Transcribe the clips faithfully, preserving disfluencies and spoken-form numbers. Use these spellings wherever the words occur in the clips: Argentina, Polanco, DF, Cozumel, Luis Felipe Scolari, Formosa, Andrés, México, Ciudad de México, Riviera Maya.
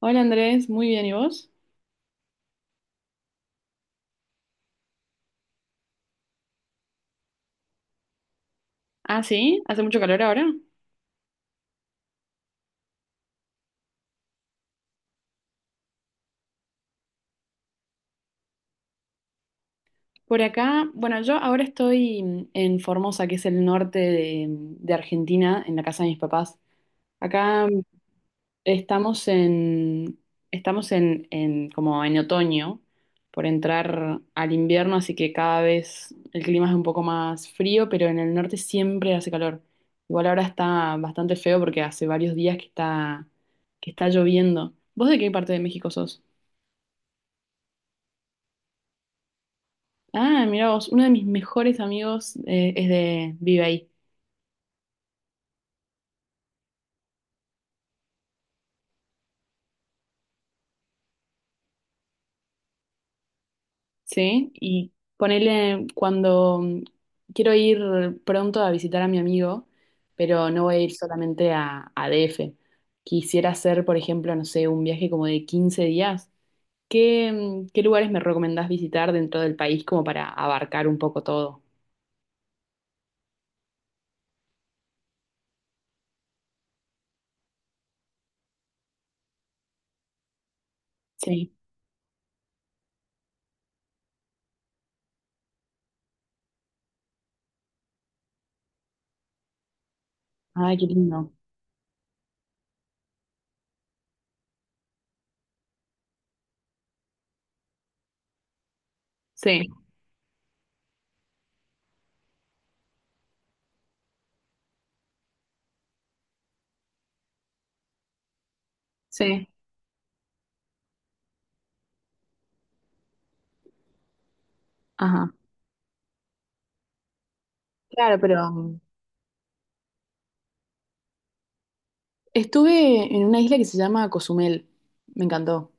Hola Andrés, muy bien, ¿y vos? Ah, sí, hace mucho calor ahora. Por acá, bueno, yo ahora estoy en Formosa, que es el norte de, de Argentina, en la casa de mis papás. Acá estamos en, estamos en, en- como en otoño, por entrar al invierno, así que cada vez el clima es un poco más frío, pero en el norte siempre hace calor. Igual ahora está bastante feo porque hace varios días que está, que está lloviendo. ¿Vos de qué parte de México sos? Ah, mira vos, uno de mis mejores amigos eh, es de vive ahí, ¿sí? Y ponele cuando mm, quiero ir pronto a visitar a mi amigo, pero no voy a ir solamente a, a D F. Quisiera hacer, por ejemplo, no sé, un viaje como de quince días. ¿Qué, mm, qué lugares me recomendás visitar dentro del país como para abarcar un poco todo? Sí. Ay, qué lindo. Sí, sí. Ajá. Claro, pero mm, estuve en una isla que se llama Cozumel. Me encantó.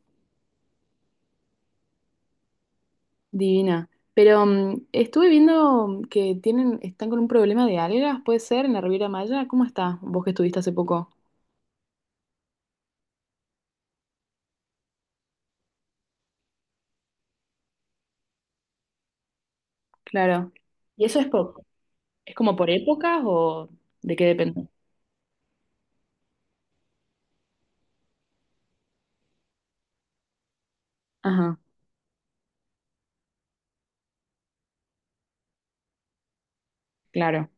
Divina. Pero mm, estuve viendo mm, que tienen, están con un problema de algas, ¿puede ser? En la Riviera Maya. ¿Cómo está? Vos que estuviste hace poco. Claro. ¿Y eso es, por- es como por épocas o de qué depende? Ajá, claro.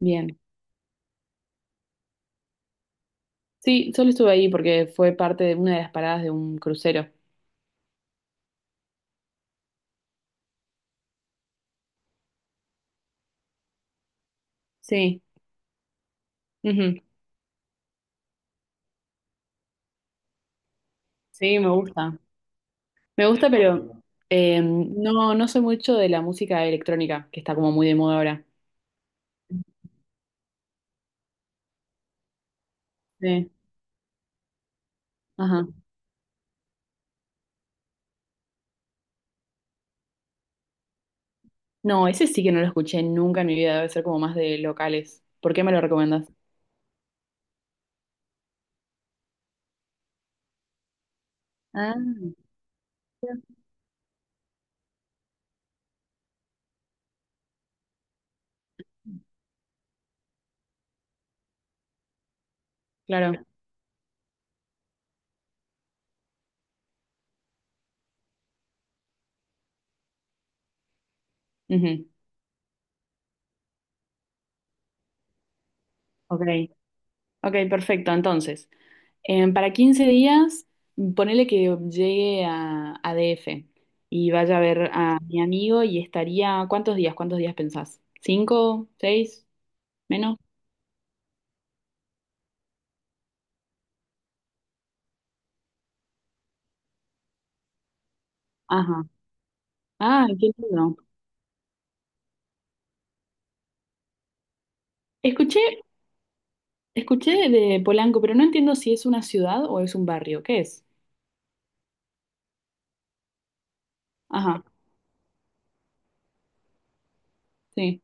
Bien. Sí, solo estuve ahí porque fue parte de una de las paradas de un crucero. Sí. Ujú. Sí, me gusta. Me gusta, pero eh, no, no soy mucho de la música electrónica, que está como muy de moda ahora. Sí. Ajá. No, ese sí que no lo escuché nunca en mi vida, debe ser como más de locales. ¿Por qué me lo recomiendas? Ah, claro. Ujú. Ok, ok, perfecto. Entonces, em, para quince días, ponele que llegue a, a D F y vaya a ver a mi amigo y estaría, ¿cuántos días? ¿Cuántos días pensás? ¿Cinco? ¿Seis? ¿Menos? Ajá. Ah, qué lindo. Escuché, escuché de Polanco, pero no entiendo si es una ciudad o es un barrio. ¿Qué es? Ajá, sí,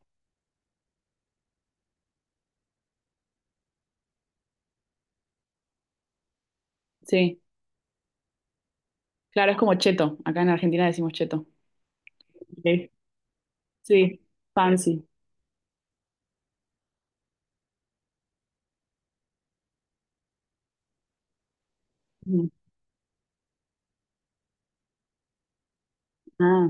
sí. Claro, es como cheto. Acá en Argentina decimos cheto. Sí. Sí, fancy. Ujú. Ah,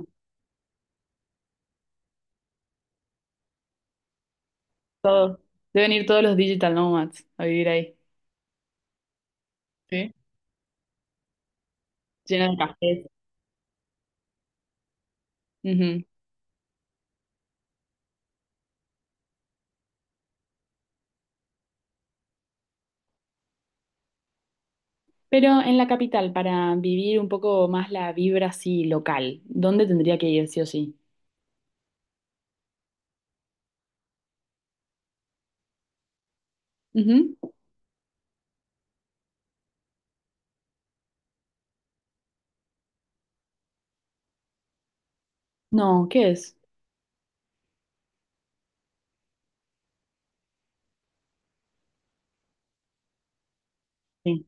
todo. Deben ir todos los digital nomads a vivir ahí, sí, lleno de cafés. Ujú. Pero en la capital, para vivir un poco más la vibra así local, ¿dónde tendría que ir sí o sí? Ujú. No, ¿qué es? Sí.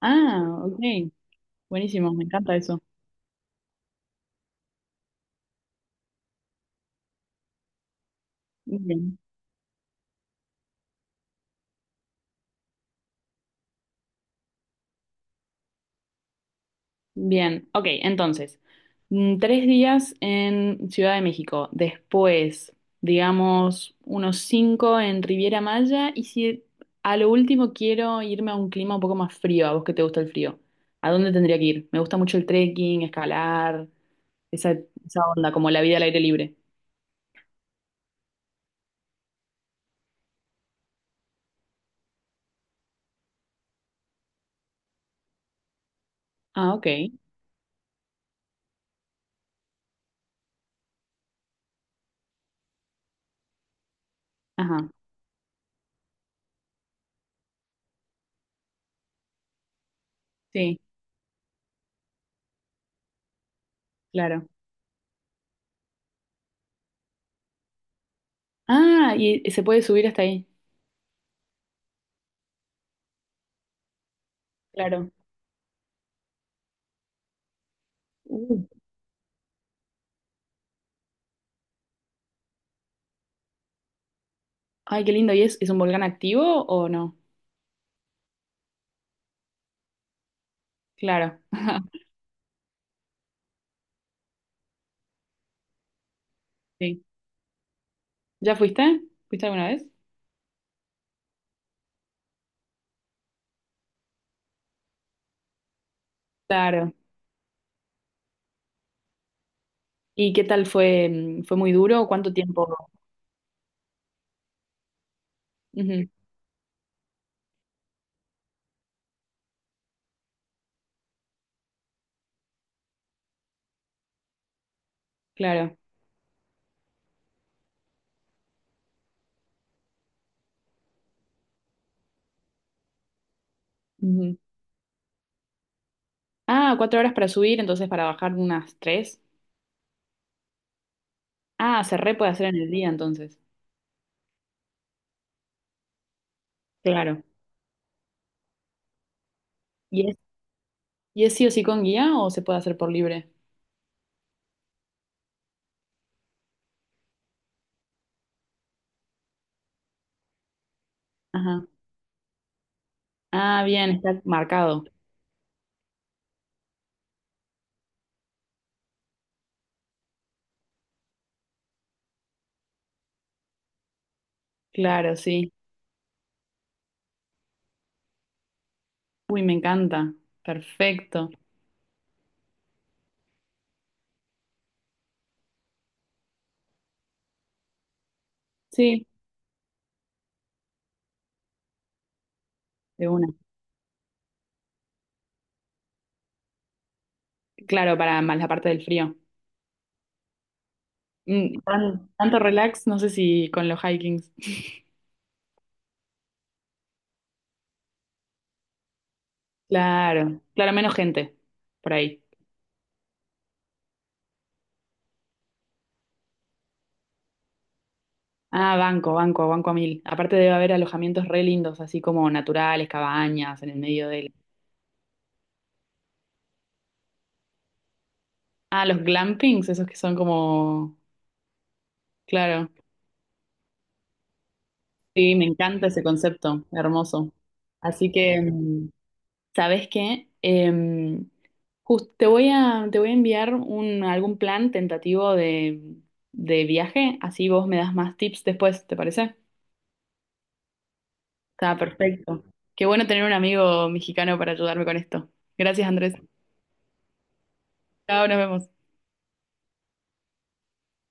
Ah, ok. Buenísimo, me encanta eso. Ok. Bien, ok, entonces, mm, tres días en Ciudad de México, después, digamos, unos cinco en Riviera Maya y si a lo último quiero irme a un clima un poco más frío, a vos que te gusta el frío, ¿a dónde tendría que ir? Me gusta mucho el trekking, escalar, esa, esa onda, como la vida al aire libre. Ah, ok, ajá, sí, claro. Ah, ¿y se puede subir hasta ahí? Claro. Uh, ay, qué lindo, ¿y es, es un volcán activo o no? Claro. Sí. ¿Ya fuiste? ¿Fuiste alguna vez? Claro. ¿Y qué tal fue? mm, ¿Fue muy duro? ¿Cuánto tiempo? Ujú, claro. Ujú. Ah, cuatro horas para subir, entonces para bajar unas tres. Ah, se re puede hacer en el día entonces. Claro. ¿Y es, y es sí o sí con guía o se puede hacer por libre? Ajá. Ah, bien, está marcado. Claro, sí. Uy, me encanta. Perfecto. Sí, de una. Claro, para más la parte del frío. Mm, tan- tanto relax, no sé si con los hikings. Claro, claro, menos gente por ahí. Ah, banco, banco, banco a mil. Aparte debe haber alojamientos re lindos, así como naturales, cabañas en el medio del... Ah, los glampings, esos que son como... Claro, sí, me encanta ese concepto, hermoso. Así que, mm, ¿sabes qué? Em, jus- te voy a, te voy a enviar un, algún plan tentativo de, de viaje, así vos me das más tips después, ¿te parece? Está perfecto. Qué bueno tener un amigo mexicano para ayudarme con esto. Gracias, Andrés. Chao, nos vemos.